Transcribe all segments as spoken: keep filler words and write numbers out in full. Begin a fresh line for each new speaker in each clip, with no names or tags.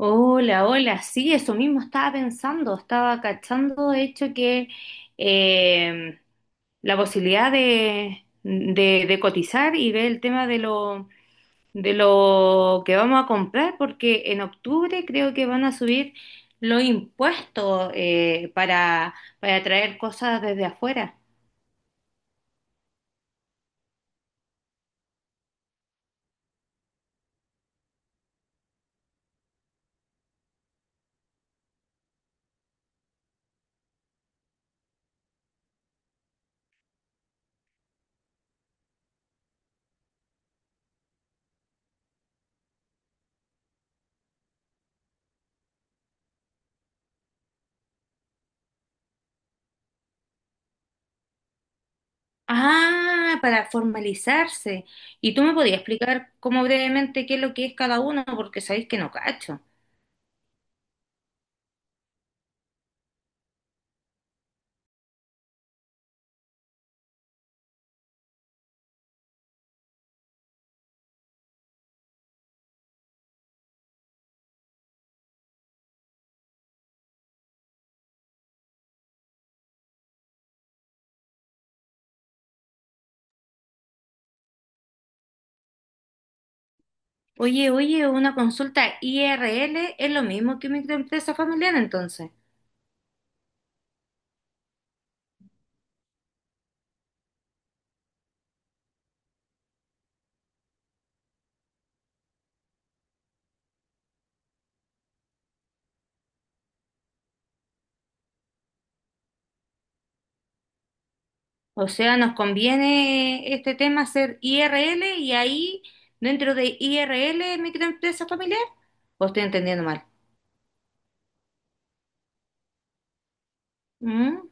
Hola, hola, sí, eso mismo estaba pensando, estaba cachando, de hecho, que eh, la posibilidad de, de- de cotizar y ver el tema de lo, de lo que vamos a comprar, porque en octubre creo que van a subir los impuestos eh, para, para traer cosas desde afuera. Ah, para formalizarse. ¿Y tú me podías explicar como brevemente qué es lo que es cada uno? Porque sabéis que no cacho. Oye, oye, una consulta I R L es lo mismo que microempresa familiar entonces. O sea, nos conviene este tema hacer I R L y ahí dentro de I R L microempresa familiar. ¿O estoy entendiendo mal? ¿Mm?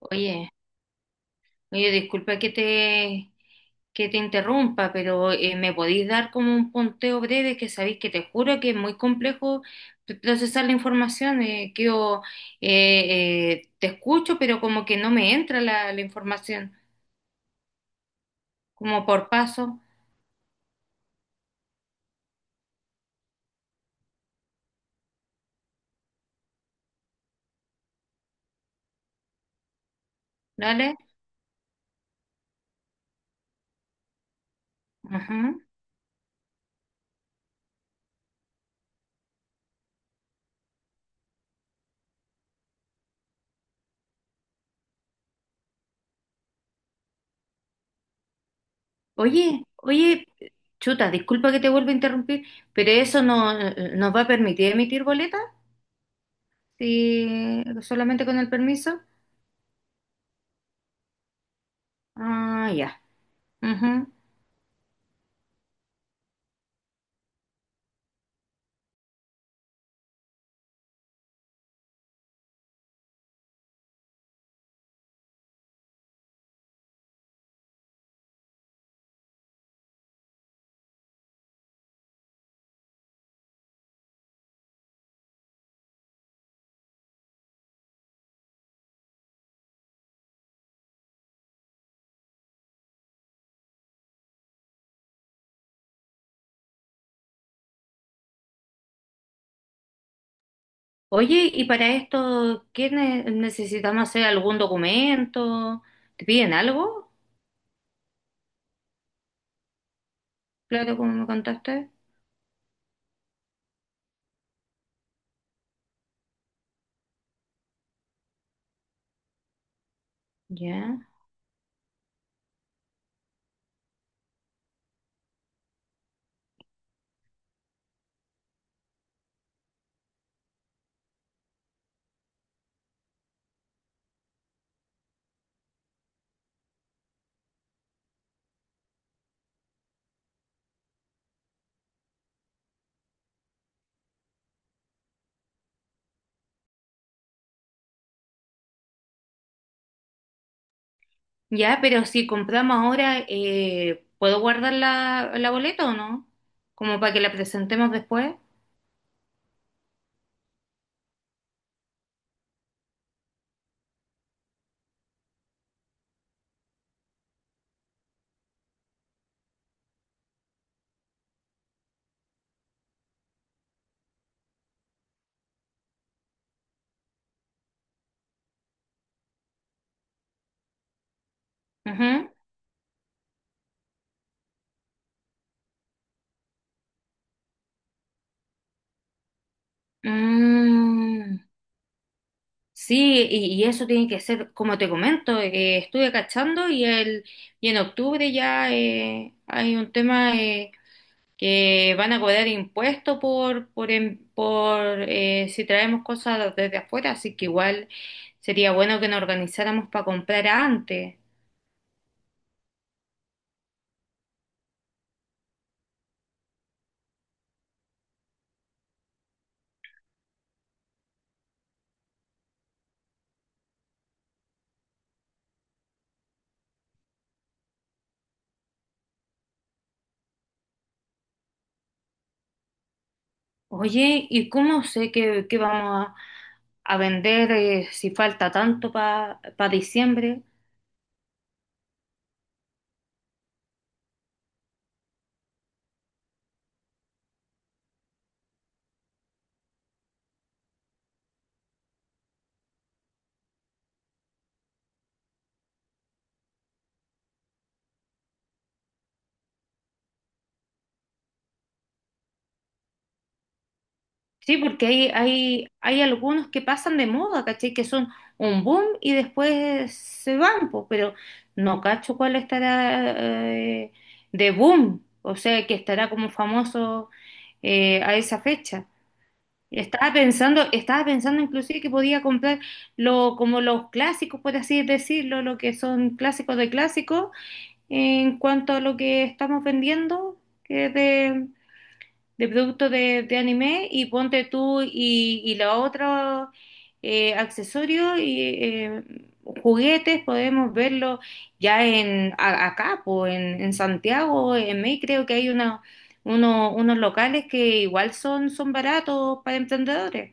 Oye. Oye, disculpa que te, que te interrumpa, pero eh, ¿me podéis dar como un punteo breve? Que sabéis que te juro que es muy complejo p- procesar la información. Eh, que yo, eh, eh, te escucho, pero como que no me entra la, la información, como por paso, ¿vale? Ajá. Oye, oye, chuta, disculpa que te vuelva a interrumpir, pero eso no, nos va a permitir emitir boletas, si solamente con el permiso. Ah, ya. Ujú. Oye, ¿y para esto qué ne- necesitamos hacer? ¿Algún documento? ¿Te piden algo? Claro, como me contaste. Ya. Ya, pero si compramos ahora, eh, ¿puedo guardar la, la boleta o no? Como para que la presentemos después. Ujú. Mm, sí, y, y eso tiene que ser, como te comento, eh, estuve cachando y, el, y en octubre ya eh, hay un tema. Eh, que van a cobrar impuestos por, por, en- por eh, si traemos cosas desde afuera, así que igual sería bueno que nos organizáramos para comprar antes. Oye, ¿y cómo sé que, que vamos a, a vender eh, si falta tanto para diciembre? Sí, porque hay, hay, hay algunos que pasan de moda, ¿cachai? Que son un boom y después se van, po, pero no cacho cuál estará eh, de boom, o sea, que estará como famoso eh, a esa fecha. Estaba pensando, estaba pensando inclusive que podía comprar lo, como los clásicos, por así decirlo, lo que son clásicos de clásicos, en cuanto a lo que estamos vendiendo, que de de productos de, de anime y ponte tú y, y los otros eh, accesorios y eh, juguetes podemos verlo ya en a- acá, po, en, en Santiago, en May creo que hay una, uno- unos locales que igual son, son baratos para emprendedores.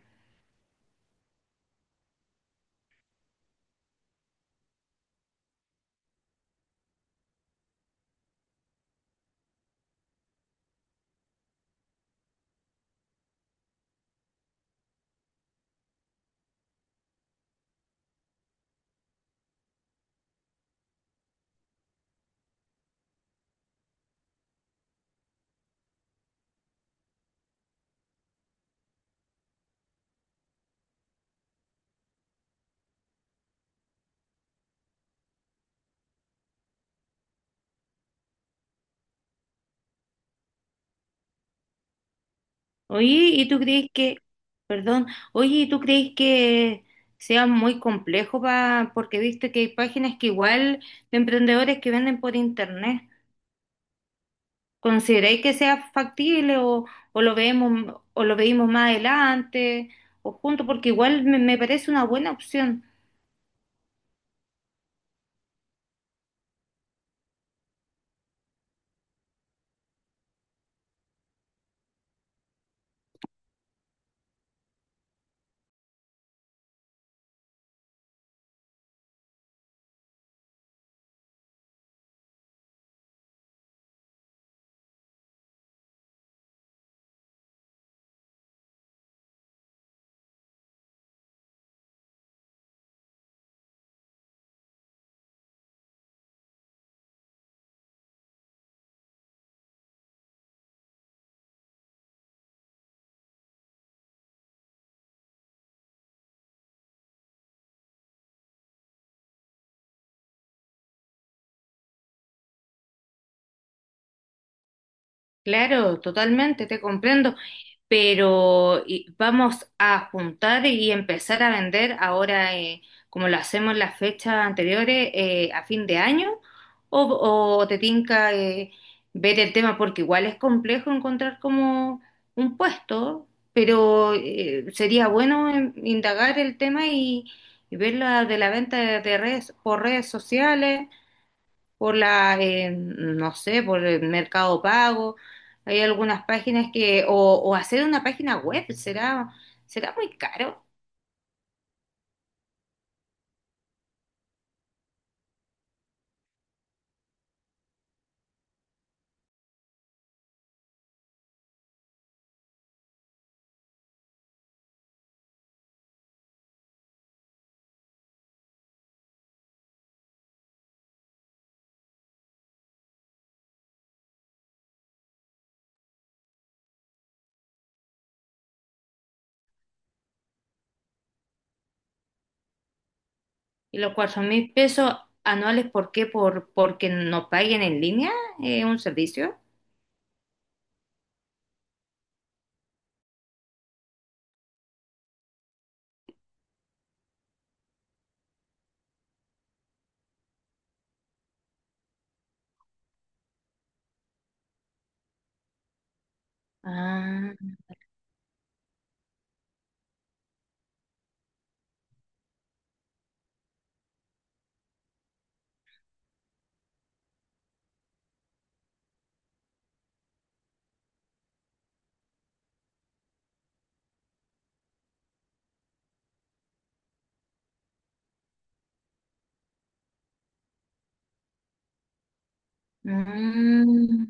Oye, ¿y tú crees que, perdón, oye, ¿y tú crees que sea muy complejo pa- porque viste que hay páginas que igual de emprendedores que venden por internet? ¿Consideráis que sea factible o, o lo vemos o lo veimos más adelante o juntos? Porque igual me, me parece una buena opción. Claro, totalmente, te comprendo, pero y- vamos a juntar y empezar a vender ahora, eh, como lo hacemos en las fechas anteriores, eh, a fin de año, o, o te tinca eh, ver el tema, porque igual es complejo encontrar como un puesto, pero eh, sería bueno em, indagar el tema y, y ver la de la venta de, de redes por redes sociales por la, eh, no sé, por el Mercado Pago. Hay algunas páginas que, o, o hacer una página web, será, será muy caro. Y los cuatro mil pesos anuales, ¿por qué? Por, porque nos paguen en línea eh, un servicio. Ah, mm.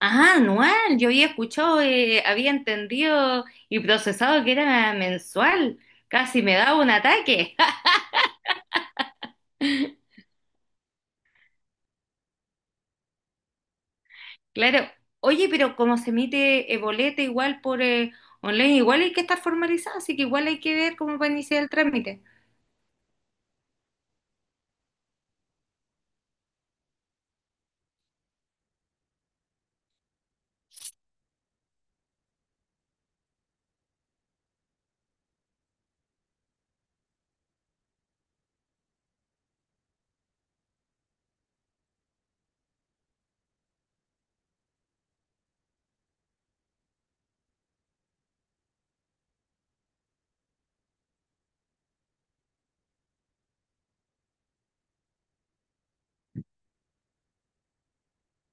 Ah, anual. Yo había escuchado, eh, había entendido y procesado que era mensual. Casi me daba un ataque. Claro, oye, pero como se emite eh, boleta igual por eh, online, igual hay que estar formalizado, así que igual hay que ver cómo va a iniciar el trámite.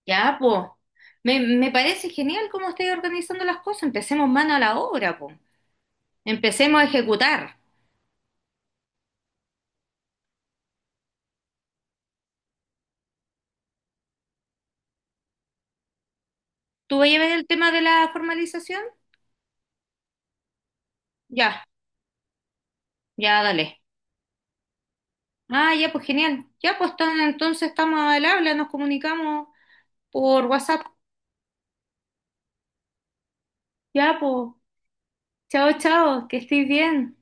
Ya, pues, me, me parece genial cómo estáis organizando las cosas. Empecemos mano a la obra, pues. Empecemos a ejecutar. ¿Tú vas a ver el tema de la formalización? Ya, ya, dale. Ah, ya, pues genial. Ya, pues tan- entonces estamos al habla, nos comunicamos por WhatsApp. Ya, pues, chao, chao, que estéis bien.